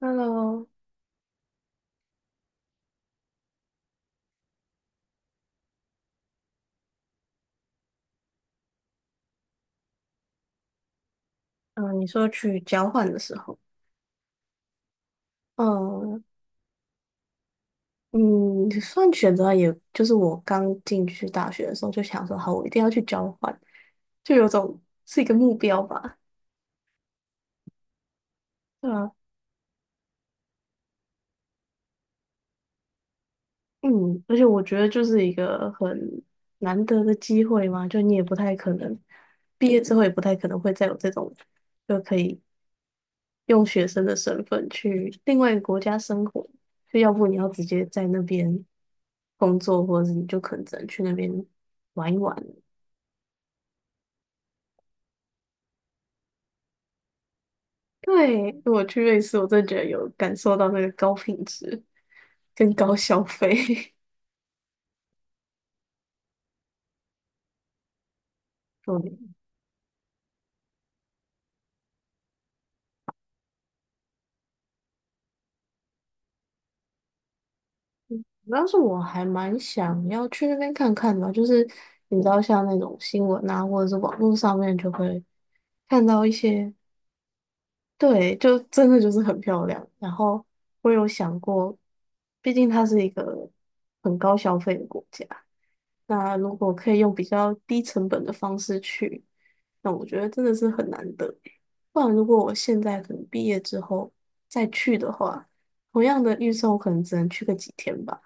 Hello，嗯，你说去交换的时候，嗯嗯，算选择也，就是我刚进去大学的时候就想说，好，我一定要去交换，就有种是一个目标吧，对啊，嗯，而且我觉得就是一个很难得的机会嘛，就你也不太可能毕业之后也不太可能会再有这种就可以用学生的身份去另外一个国家生活，就要不你要直接在那边工作，或者是你就可能只能去那边玩一玩。对，我去瑞士，我真的觉得有感受到那个高品质跟高消费。对，主要是我还蛮想要去那边看看的啊，就是你知道，像那种新闻啊，或者是网络上面就会看到一些。对，就真的就是很漂亮。然后我有想过，毕竟它是一个很高消费的国家，那如果可以用比较低成本的方式去，那我觉得真的是很难得。不然，如果我现在可能毕业之后再去的话，同样的预算我可能只能去个几天吧。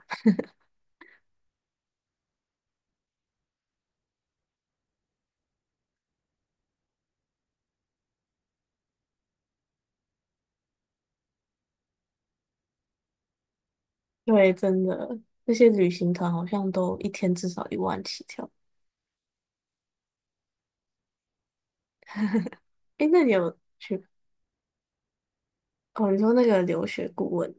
对，真的，那些旅行团好像都一天至少1万起跳。诶，那你有去？哦，你说那个留学顾问。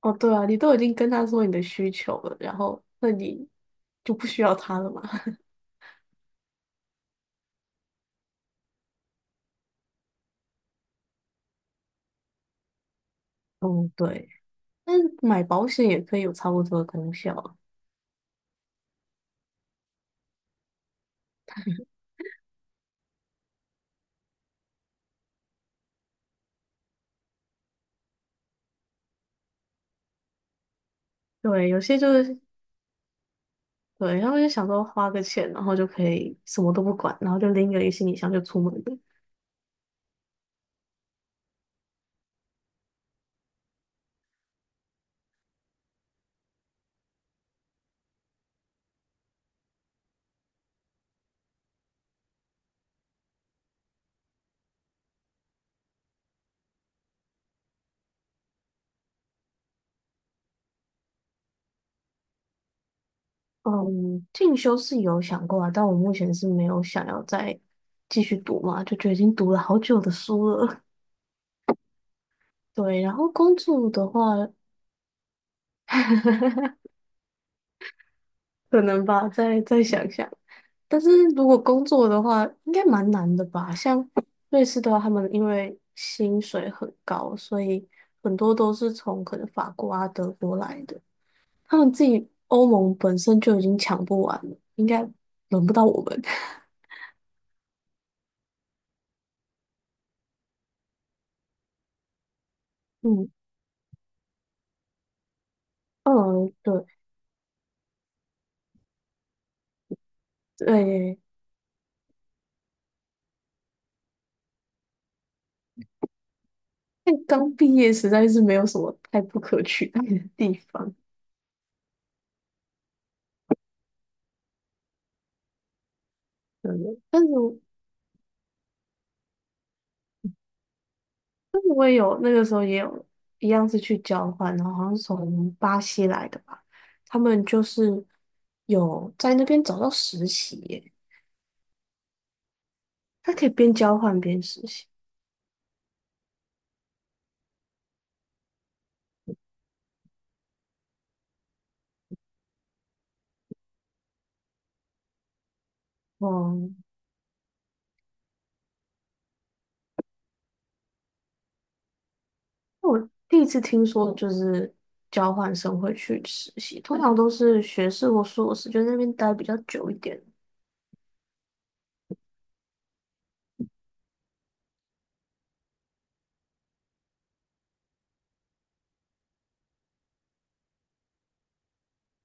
哦，对啊，你都已经跟他说你的需求了，然后那你就不需要他了嘛。嗯，对，但是买保险也可以有差不多的功效啊对，有些就是对，他们就想说花个钱，然后就可以什么都不管，然后就拎个一个行李箱就出门了。嗯，进修是有想过啊，但我目前是没有想要再继续读嘛，就觉得已经读了好久的书了。对，然后工作的话。可能吧，再想想。但是如果工作的话，应该蛮难的吧？像瑞士的话，他们因为薪水很高，所以很多都是从可能法国啊、德国来的。他们自己欧盟本身就已经抢不完了，应该轮不到我们。嗯嗯，对对，那刚毕业实在是没有什么太不可取代的地方。对，但是我也有那个时候也有一样是去交换，然后好像是从巴西来的吧，他们就是有在那边找到实习耶，他可以边交换边实习。嗯，我第一次听说就是交换生会去实习，通常都是学士或硕士，就在那边待比较久一点，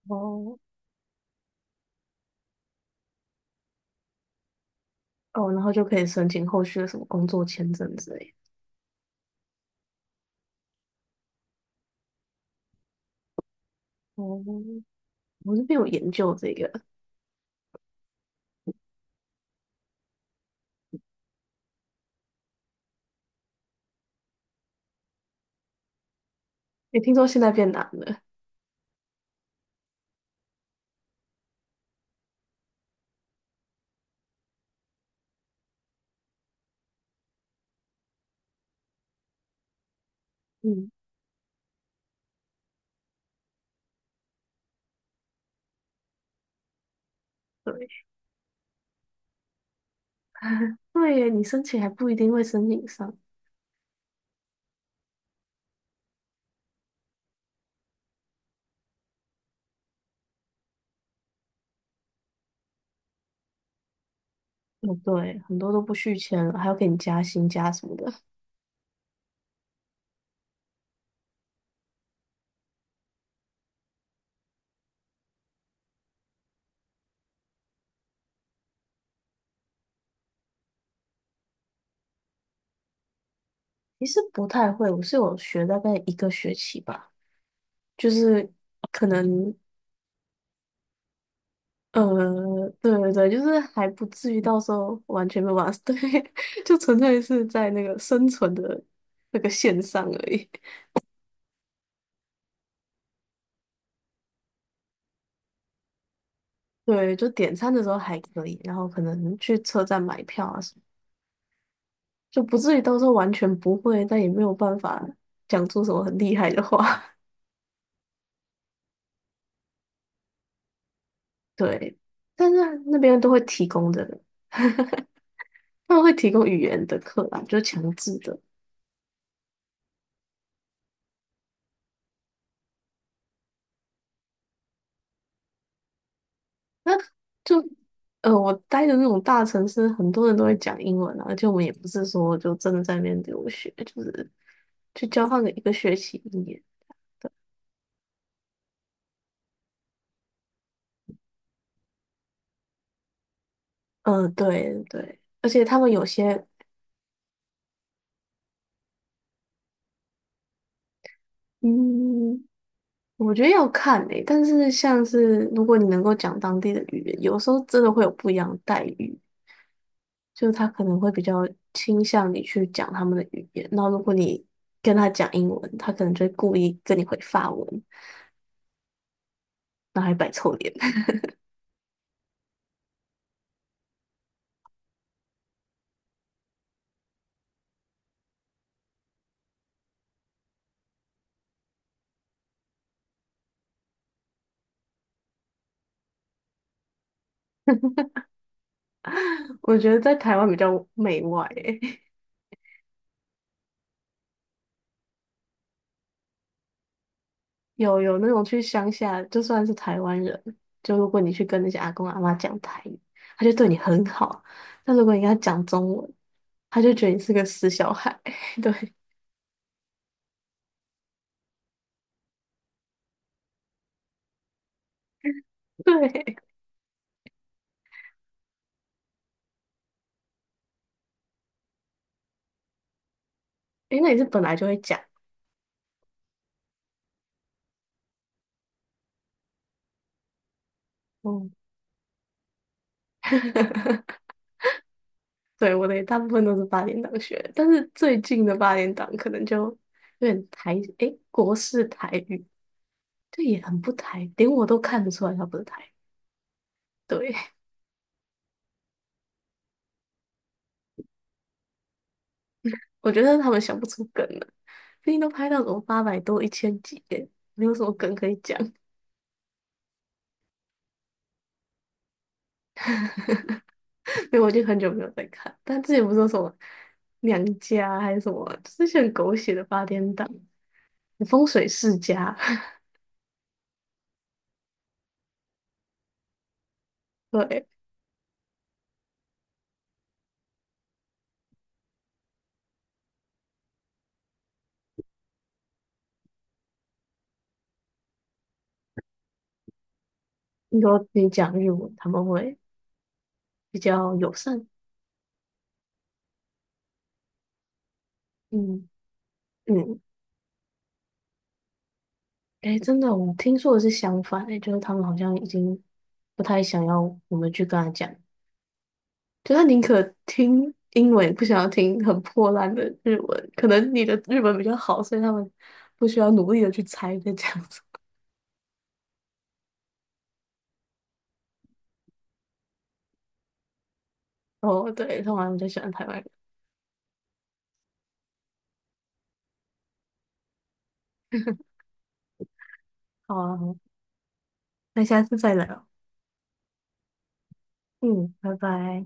哦哦，然后就可以申请后续的什么工作签证之类的。哦，我这边有研究这个，也听说现在变难了。嗯。对。对耶，你申请还不一定会申请上。哦，对，很多都不续签了，还要给你加薪加什么的。其实不太会，我是有学大概一个学期吧，就是可能呃，对对对，就是还不至于到时候完全没有办法，对，就纯粹是在那个生存的那个线上而已。对，就点餐的时候还可以，然后可能去车站买票啊什么，就不至于到时候完全不会，但也没有办法讲出什么很厉害的话。对，但是那边都会提供的，他们会提供语言的课啦，就是强制的。就呃，我待的那种大城市，很多人都会讲英文啊，而且我们也不是说就真的在那边留学，就是去交换个一个学期一年。嗯呃，对对，而且他们有些，嗯，我觉得要看诶、但是像是如果你能够讲当地的语言，有时候真的会有不一样的待遇。就他可能会比较倾向你去讲他们的语言，那如果你跟他讲英文，他可能就会故意跟你回法文，然后还摆臭脸。我觉得在台湾比较媚外欸，有有那种去乡下，就算是台湾人，就如果你去跟那些阿公阿妈讲台语，他就对你很好；但如果你跟他讲中文，他就觉得你是个死小孩。对对，诶，那你是本来就会讲，嗯。对，我的大部分都是八点档学的，但是最近的八点档可能就有点台，诶，国式台语，这也很不台，连我都看得出来它不是台。对，我觉得他们想不出梗了，毕竟都拍到什么800多、1000集耶，没有什么梗可以讲。因为我已经很久没有在看，但之前不是说什么娘家啊还是什么，就是一些很狗血的八点档，风水世家。对，你说你讲日文，他们会比较友善。嗯嗯。哎，真的，我听说的是相反，哎，就是他们好像已经不太想要我们去跟他讲，就他宁可听英文，也不想要听很破烂的日文。可能你的日文比较好，所以他们不需要努力的去猜在这样子。哦，对，他们好像比较喜欢台湾人。好啊，好啊，那下次再聊。嗯，拜拜。